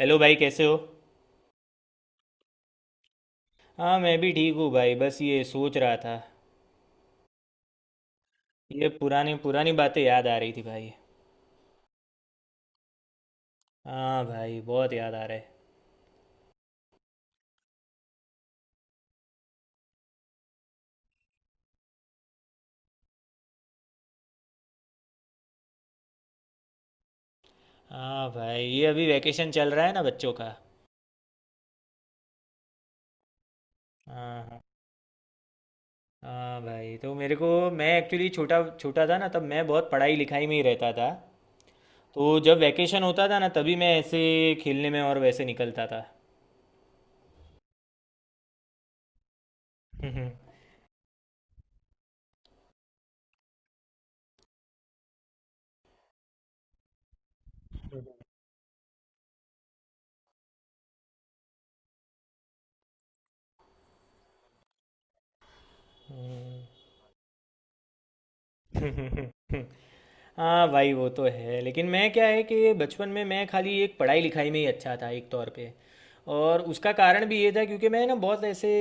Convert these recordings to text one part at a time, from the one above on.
Hello भाई, कैसे हो। हाँ, मैं भी ठीक हूँ भाई, बस ये सोच रहा था। ये पुरानी पुरानी बातें याद आ रही थी भाई। हाँ भाई, बहुत याद आ रहा है। हाँ भाई, ये अभी वैकेशन चल रहा है ना बच्चों का। हाँ हाँ। हाँ भाई, तो मेरे को, मैं एक्चुअली छोटा छोटा था ना तब, मैं बहुत पढ़ाई लिखाई में ही रहता था। तो जब वैकेशन होता था ना तभी मैं ऐसे खेलने में और वैसे निकलता था। हाँ भाई, वो तो है, लेकिन मैं, क्या है कि बचपन में मैं खाली एक पढ़ाई लिखाई में ही अच्छा था एक तौर पे। और उसका कारण भी ये था क्योंकि मैं ना बहुत ऐसे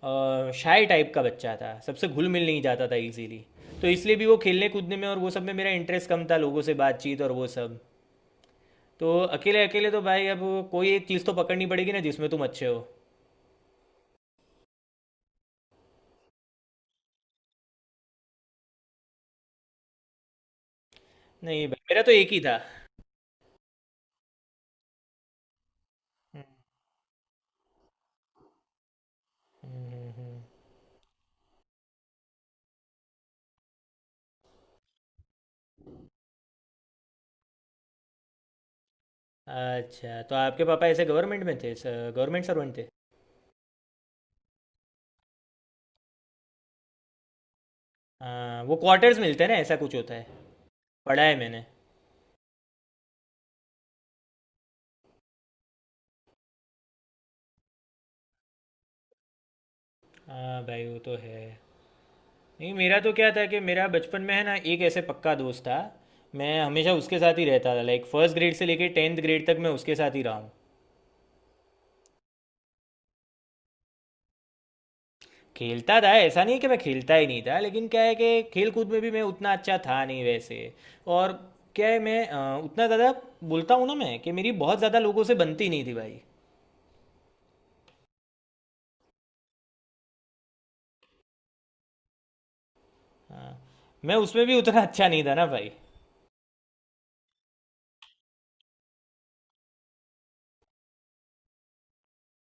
शाय टाइप का बच्चा था, सबसे घुल मिल नहीं जाता था इजीली। तो इसलिए भी वो खेलने कूदने में और वो सब में मेरा इंटरेस्ट कम था, लोगों से बातचीत और वो सब। तो अकेले अकेले तो भाई, अब कोई एक चीज़ तो पकड़नी पड़ेगी ना जिसमें तुम अच्छे हो। नहीं भाई, मेरा तो एक ही था। हम्म। हम्म। हम्म। हम्म। अच्छा, तो आपके पापा ऐसे गवर्नमेंट में थे, गवर्नमेंट सर्वेंट थे। हाँ, वो क्वार्टर्स मिलते हैं ना, ऐसा कुछ होता है, पढ़ा है मैंने। हाँ भाई, वो तो है। नहीं, मेरा तो क्या था कि मेरा बचपन में है ना एक ऐसे पक्का दोस्त था, मैं हमेशा उसके साथ ही रहता था, लाइक फर्स्ट ग्रेड से लेके टेंथ ग्रेड तक मैं उसके साथ ही रहा हूँ। खेलता था, ऐसा नहीं कि मैं खेलता ही नहीं था, लेकिन क्या है कि खेल कूद में भी मैं उतना अच्छा था नहीं वैसे। और क्या है, मैं उतना ज़्यादा बोलता हूँ ना, मैं कि मेरी बहुत ज़्यादा लोगों से बनती नहीं थी भाई। हाँ। मैं उसमें भी उतना अच्छा नहीं था ना भाई।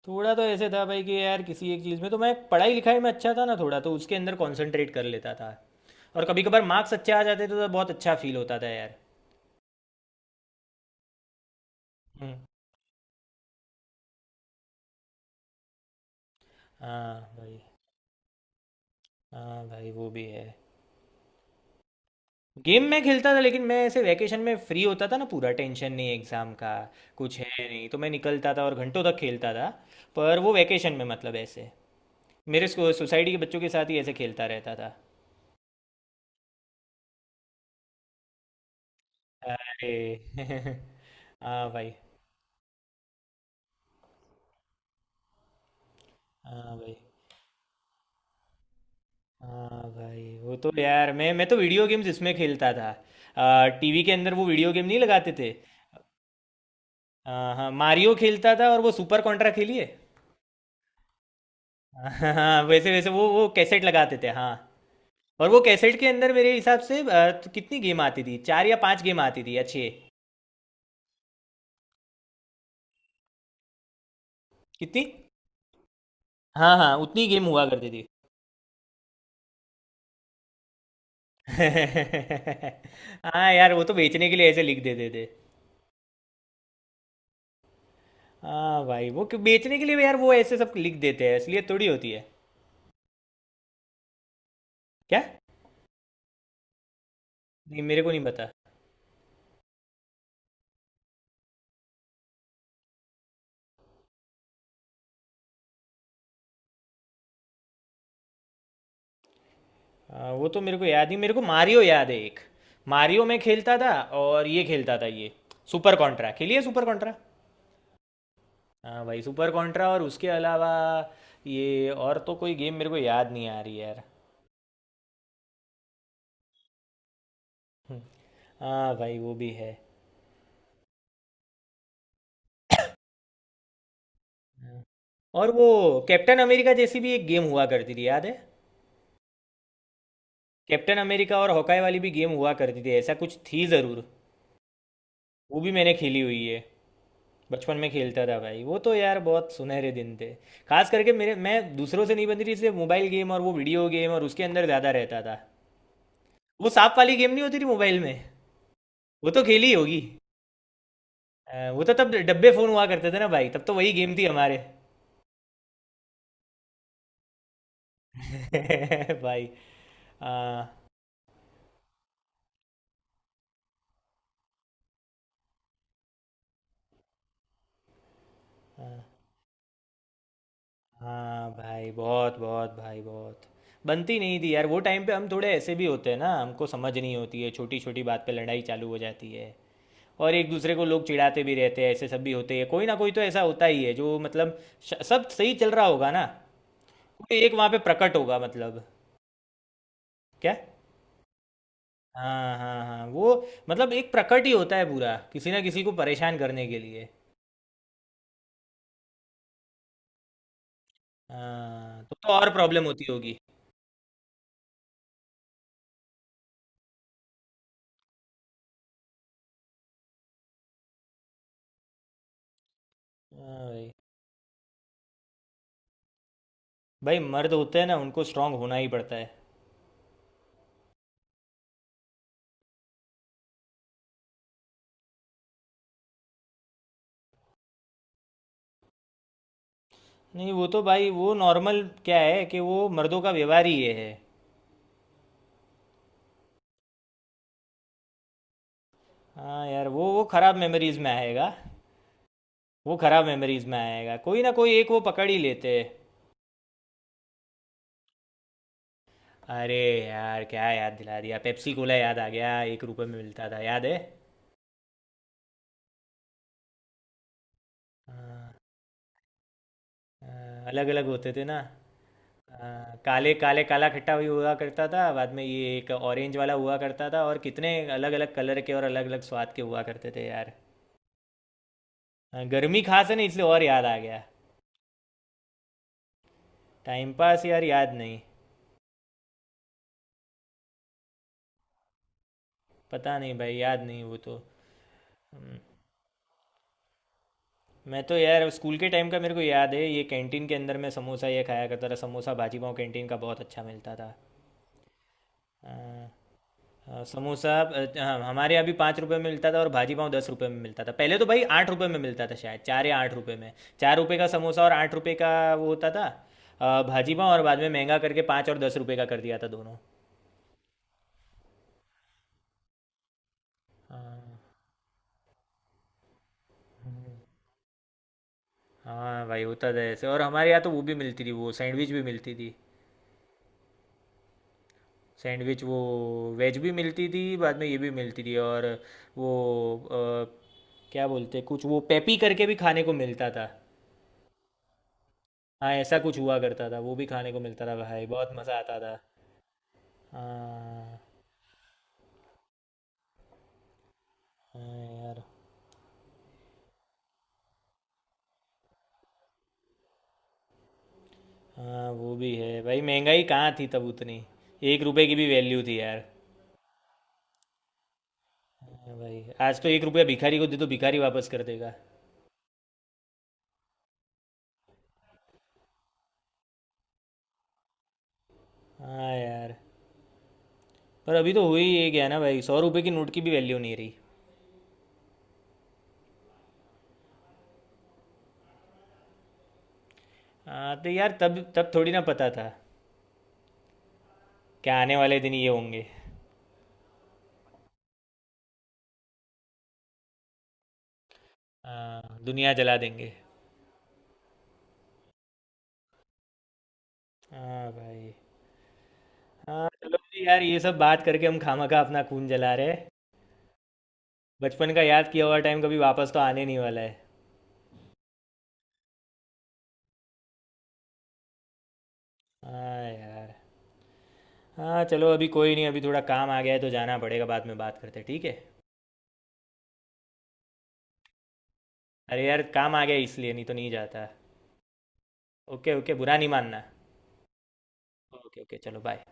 थोड़ा तो ऐसे था भाई कि यार, किसी एक चीज़ में तो, मैं पढ़ाई लिखाई में अच्छा था ना, थोड़ा तो उसके अंदर कंसंट्रेट कर लेता था। और कभी कभार मार्क्स अच्छे आ जाते थे तो बहुत अच्छा फील होता था यार। हम्म। हाँ भाई। हाँ भाई, वो भी है। गेम मैं खेलता था लेकिन मैं ऐसे वैकेशन में फ्री होता था ना, पूरा टेंशन नहीं एग्ज़ाम का, कुछ है नहीं, तो मैं निकलता था और घंटों तक खेलता था। पर वो वैकेशन में मतलब ऐसे सोसाइटी के बच्चों के साथ ही ऐसे खेलता रहता था। अरे। हाँ भाई। हाँ भाई। हाँ भाई, वो तो यार, मैं तो वीडियो गेम्स इसमें खेलता था, टीवी के अंदर वो, वीडियो गेम नहीं लगाते थे। हाँ हाँ, मारियो खेलता था और वो सुपर कॉन्ट्रा खेलिए। हाँ हाँ, वैसे वैसे वो कैसेट लगाते थे, हाँ। और वो कैसेट के अंदर मेरे हिसाब से, तो कितनी गेम आती थी, 4 या 5 गेम आती थी अच्छे। कितनी। हाँ हाँ, उतनी गेम हुआ करती थी। हाँ यार, वो तो बेचने के लिए ऐसे लिख देते थे। हाँ भाई, वो बेचने के लिए भी यार वो ऐसे सब लिख देते हैं, इसलिए थोड़ी होती है। क्या। नहीं, मेरे को नहीं पता। आ, वो तो मेरे को याद नहीं, मेरे को मारियो याद है एक, मारियो में खेलता था। और ये खेलता था, ये सुपर कॉन्ट्रा खेलिए, सुपर कॉन्ट्रा। हाँ भाई, सुपर कॉन्ट्रा। और उसके अलावा ये, और तो कोई गेम मेरे को याद नहीं आ रही यार। हम्म। हाँ भाई, वो भी है। हाँ। और वो कैप्टन अमेरिका जैसी भी एक गेम हुआ करती थी, याद है। कैप्टन अमेरिका और हॉकाई वाली भी गेम हुआ करती थी, ऐसा कुछ थी ज़रूर। वो भी मैंने खेली हुई है, बचपन में खेलता था भाई, वो तो यार बहुत सुनहरे दिन थे। खास करके मेरे, मैं दूसरों से नहीं बनती थी इसलिए मोबाइल गेम और वो वीडियो गेम और उसके अंदर ज़्यादा रहता था। वो सांप वाली गेम नहीं होती थी मोबाइल में, वो तो खेली होगी। वो तो तब डब्बे फ़ोन हुआ करते थे ना भाई, तब तो वही गेम थी हमारे। भाई। हाँ। हाँ हाँ भाई बहुत, बहुत भाई बहुत बनती नहीं थी यार। वो टाइम पे हम थोड़े ऐसे भी होते हैं ना, हमको समझ नहीं होती है, छोटी छोटी बात पे लड़ाई चालू हो जाती है। और एक दूसरे को लोग चिढ़ाते भी रहते हैं, ऐसे सब भी होते हैं, कोई ना कोई तो ऐसा होता ही है जो मतलब, सब सही चल रहा होगा ना, कोई एक वहाँ पे प्रकट होगा मतलब। क्या। हाँ हाँ हाँ, वो, मतलब एक प्रकट ही होता है पूरा किसी ना किसी को परेशान करने के लिए। हाँ तो और प्रॉब्लम होती होगी। हाँ भाई। भाई मर्द होते हैं ना, उनको स्ट्रांग होना ही पड़ता है। नहीं, वो तो भाई वो नॉर्मल, क्या है कि वो मर्दों का व्यवहार ही ये है। हाँ यार, वो खराब मेमोरीज में आएगा। वो खराब मेमोरीज में आएगा, कोई ना कोई एक वो पकड़ ही लेते हैं। अरे यार, क्या याद दिला दिया, पेप्सी कोला याद आ गया, 1 रुपए में मिलता था, याद है। अलग अलग होते थे ना। आ, काले काले, काला खट्टा भी हुआ करता था, बाद में ये एक ऑरेंज वाला हुआ करता था, और कितने अलग अलग कलर के और अलग अलग स्वाद के हुआ करते थे यार। आ, गर्मी खास है ना इसलिए और याद आ गया। टाइम पास यार, याद नहीं। पता नहीं भाई, याद नहीं वो तो। हम्म। मैं तो यार स्कूल के टाइम का मेरे को याद है, ये कैंटीन के अंदर मैं समोसा ये खाया करता था, समोसा भाजी पाव कैंटीन का बहुत अच्छा मिलता था। हाँ, हाँ, समोसा, हाँ, हमारे यहाँ भी 5 रुपये में मिलता था, और भाजी पाव 10 रुपये में मिलता था, पहले तो भाई 8 रुपये में मिलता था शायद, 4 या 8 रुपये में। 4 रुपये का समोसा और 8 रुपये का वो होता था, भाजी पाव, और बाद में महंगा करके 5 और 10 रुपये का कर दिया था दोनों। हाँ। हाँ भाई, होता था ऐसे, और हमारे यहाँ तो वो भी मिलती थी, वो सैंडविच भी मिलती थी। सैंडविच वो वेज भी मिलती थी, बाद में ये भी मिलती थी, और वो क्या बोलते, कुछ वो पेपी करके भी खाने को मिलता था। हाँ, ऐसा कुछ हुआ करता था, वो भी खाने को मिलता था भाई, बहुत मज़ा आता था। हाँ। हाँ यार। हाँ वो भी है भाई, महंगाई कहाँ थी तब उतनी, 1 रुपए की भी वैल्यू थी यार। हाँ भाई, आज तो 1 रुपया भिखारी को दे तो भिखारी वापस कर देगा। हाँ यार, पर अभी तो हो ही ये गया ना भाई, 100 रुपए की नोट की भी वैल्यू नहीं रही। हाँ तो यार, तब तब थोड़ी ना पता था कि आने वाले दिन ये होंगे। हाँ, दुनिया जला देंगे। हाँ भाई। हाँ चलो जी यार, ये सब बात करके हम खामखा अपना खून जला रहे हैं। बचपन का याद किया हुआ टाइम कभी वापस तो आने नहीं वाला है। हाँ यार। हाँ चलो, अभी कोई नहीं, अभी थोड़ा काम आ गया है तो जाना पड़ेगा, बाद में बात करते हैं, ठीक है। अरे यार, काम आ गया है, इसलिए नहीं तो नहीं जाता। ओके ओके, बुरा नहीं मानना। ओके ओके, चलो बाय।